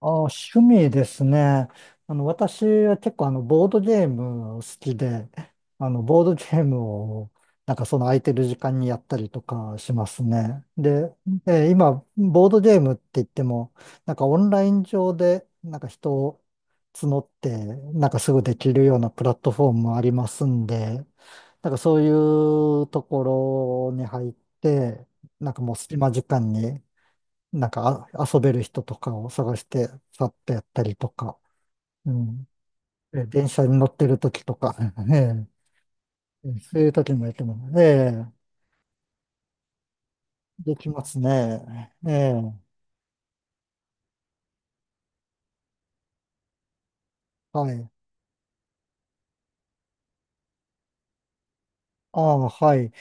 あ、趣味ですね。私は結構ボードゲーム好きで、ボードゲームを、なんかその空いてる時間にやったりとかしますね。で、今、ボードゲームって言っても、なんかオンライン上で、なんか人を募って、なんかすぐできるようなプラットフォームもありますんで、なんかそういうところに入って、なんかもう隙間時間になんか遊べる人とかを探して、さっとやったりとか、うん。電車に乗ってる時とか、ええ、そういう時もやっても、ええ、できますね。ええ、はい。ああ、はい。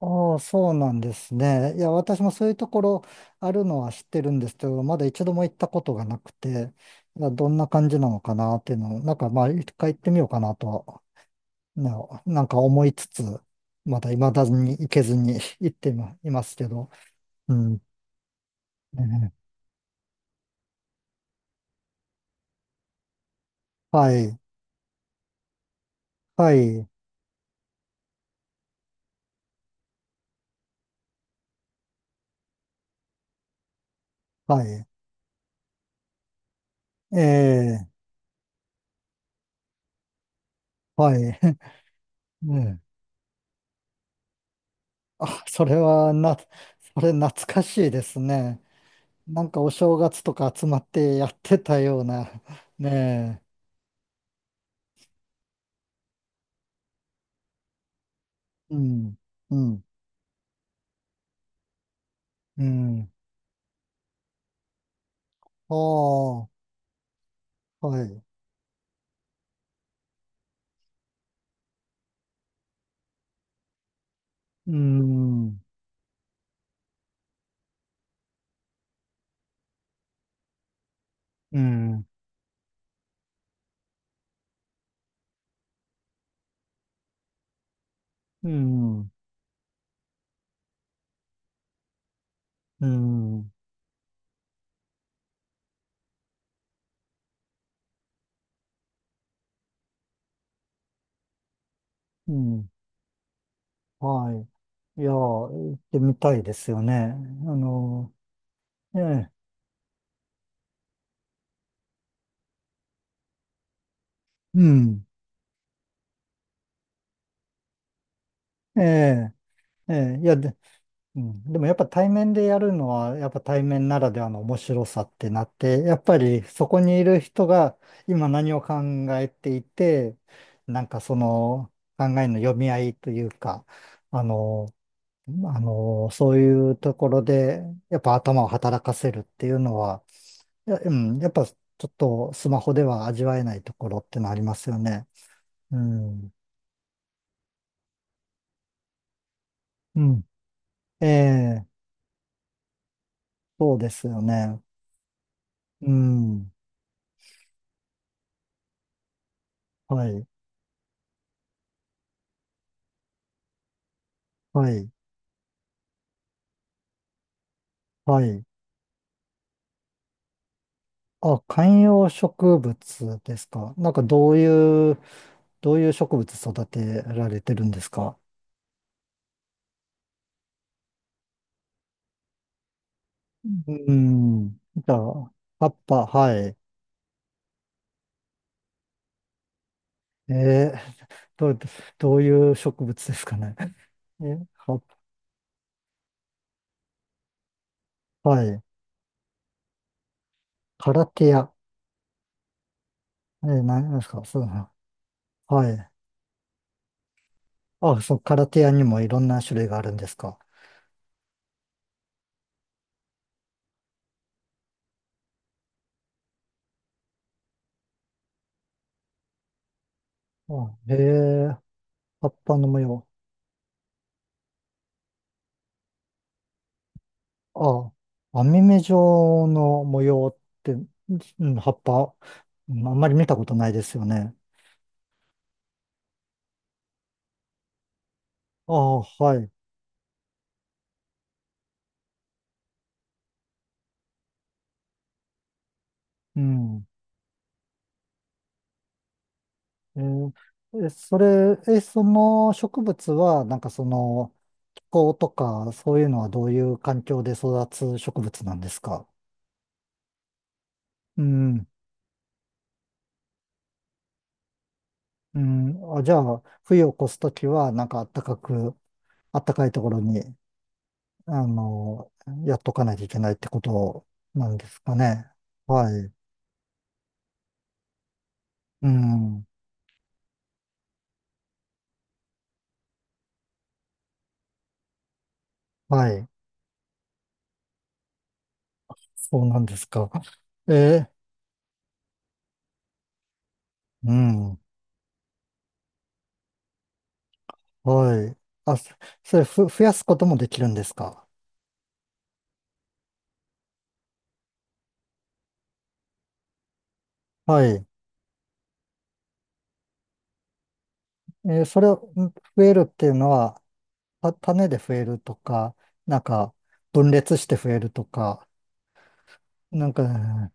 ああ、そうなんですね。いや、私もそういうところあるのは知ってるんですけど、まだ一度も行ったことがなくて、いや、どんな感じなのかなっていうのを、なんかまあ、一回行ってみようかなとは、ね、なんか思いつつ、まだ未だに行けずに 行っていまいますけど、うん。ええ、はい。はい。はい。ええ、はい。ね、あ、それ懐かしいですね。なんかお正月とか集まってやってたような。ねえ。うん。うん。うん。ああ、はい。うん。うん。うん。うん。うん。はい。いや、行ってみたいですよね。あの、ええ。うん。ええ。ええ。いや、で、うん、でもやっぱ対面でやるのは、やっぱ対面ならではの面白さってなって、やっぱりそこにいる人が今何を考えていて、なんかその考えの読み合いというか、あの、そういうところで、やっぱ頭を働かせるっていうのは、うん、やっぱちょっとスマホでは味わえないところってのありますよね。うん。うん。ええ、そうですよね。うん。はい。はい。はい。あ、観葉植物ですか。なんかどういう、植物育てられてるんですか？うんうん。じゃあ、葉っぱ、はい。えー、どう、どういう植物ですかね？え、葉っぱ、はい。カラテア。何ですか？そうな。はい。あ、そう、カラテアにもいろんな種類があるんですか？あ、葉っぱの模様。ああ、網目状の模様って、うん、葉っぱ、うん、あんまり見たことないですよね。ああ、はい。うん。えーえそれ、その植物は、なんかその、気候とか、そういうのはどういう環境で育つ植物なんですか？うん。うん。あ、じゃあ、冬を越すときは、なんか暖かく、暖かいところに、あの、やっとかないといけないってことなんですかね？はい。うん。はい。そうなんですか？えー、うん。はい。あ、それ増やすこともできるんですか？はい。それを増えるっていうのは、種で増えるとか、なんか、分裂して増えるとか、なんか、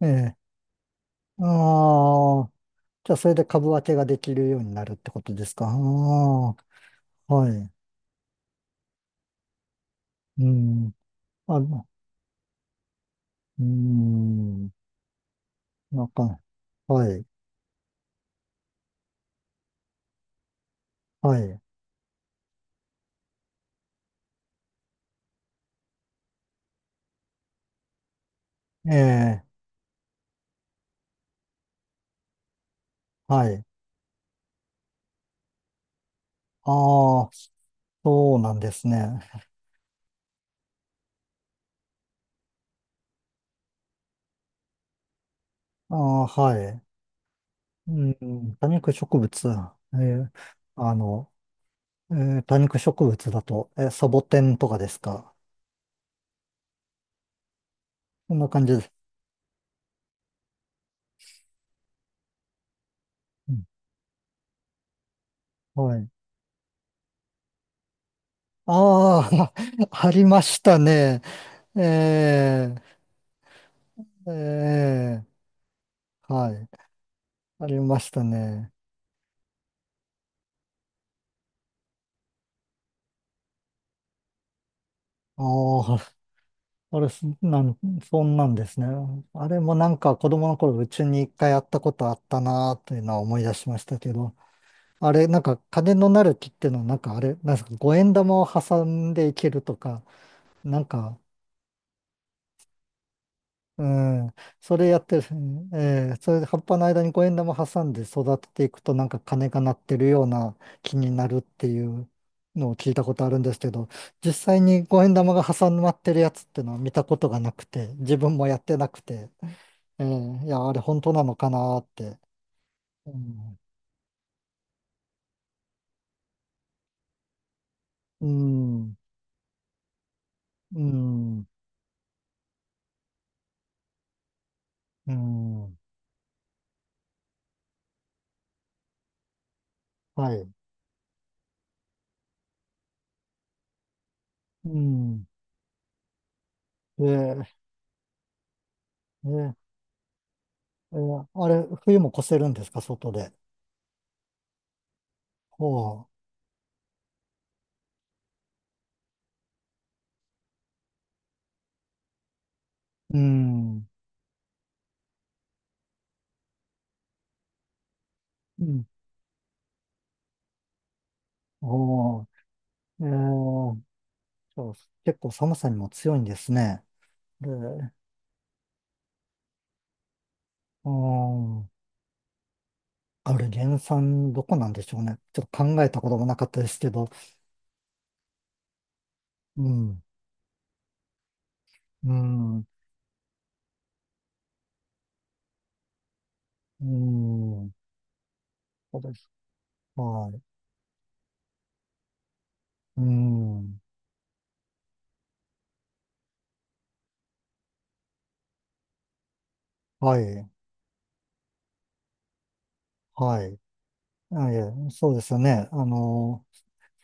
えああー、じゃあそれで株分けができるようになるってことですか？ああ、はい。うん。あ、うーん。なんか、はい。はい。ええ、はい。ああ。そうなんですね。ああ、はい。うん、多肉植物。えーあの、え多肉植物だと、サボテンとかですか？そんな感じです。うん、はい。ああ、ありましたね。えー、えはい。ありましたね。ああ、あれ、そんなんですね。あれもなんか子供の頃、うちに一回やったことあったなというのは思い出しましたけど。あれ、なんか金のなる木っていうのは、なんかあれ、なんですか、五円玉を挟んでいけるとか、なんか、うん、それやってる、それで葉っぱの間に五円玉挟んで育てていくと、なんか金が鳴ってるような木になるっていうのを聞いたことあるんですけど、実際に五円玉が挟まってるやつっていうのは見たことがなくて、自分もやってなくて、いや、あれ本当なのかなーって。うん、うん、うん、うん、はい、うん。ええ、ええ、ええ、あれ、冬も越せるんですか、外で？ほう。うん。うん。ほう。ええ、そう、結構寒さにも強いんですね。で、うん。あれ、原産どこなんでしょうね。ちょっと考えたこともなかったですけど。うん。うん。うん。そうです。はい。うん。はい。はい。あ、いえ、そうですよね。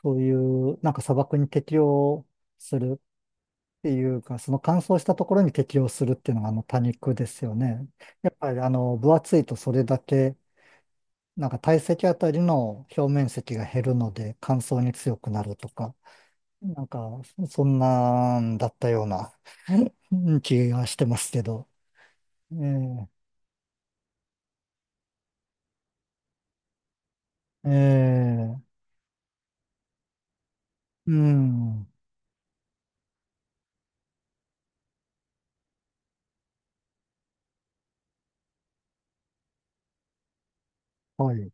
そういう、なんか砂漠に適応するていうか、その乾燥したところに適応するっていうのがあの多肉ですよね。やっぱり分厚いとそれだけ、なんか体積あたりの表面積が減るので乾燥に強くなるとか、なんかそんなんだったような うん、気がしてますけど。ええええ、うん、はい。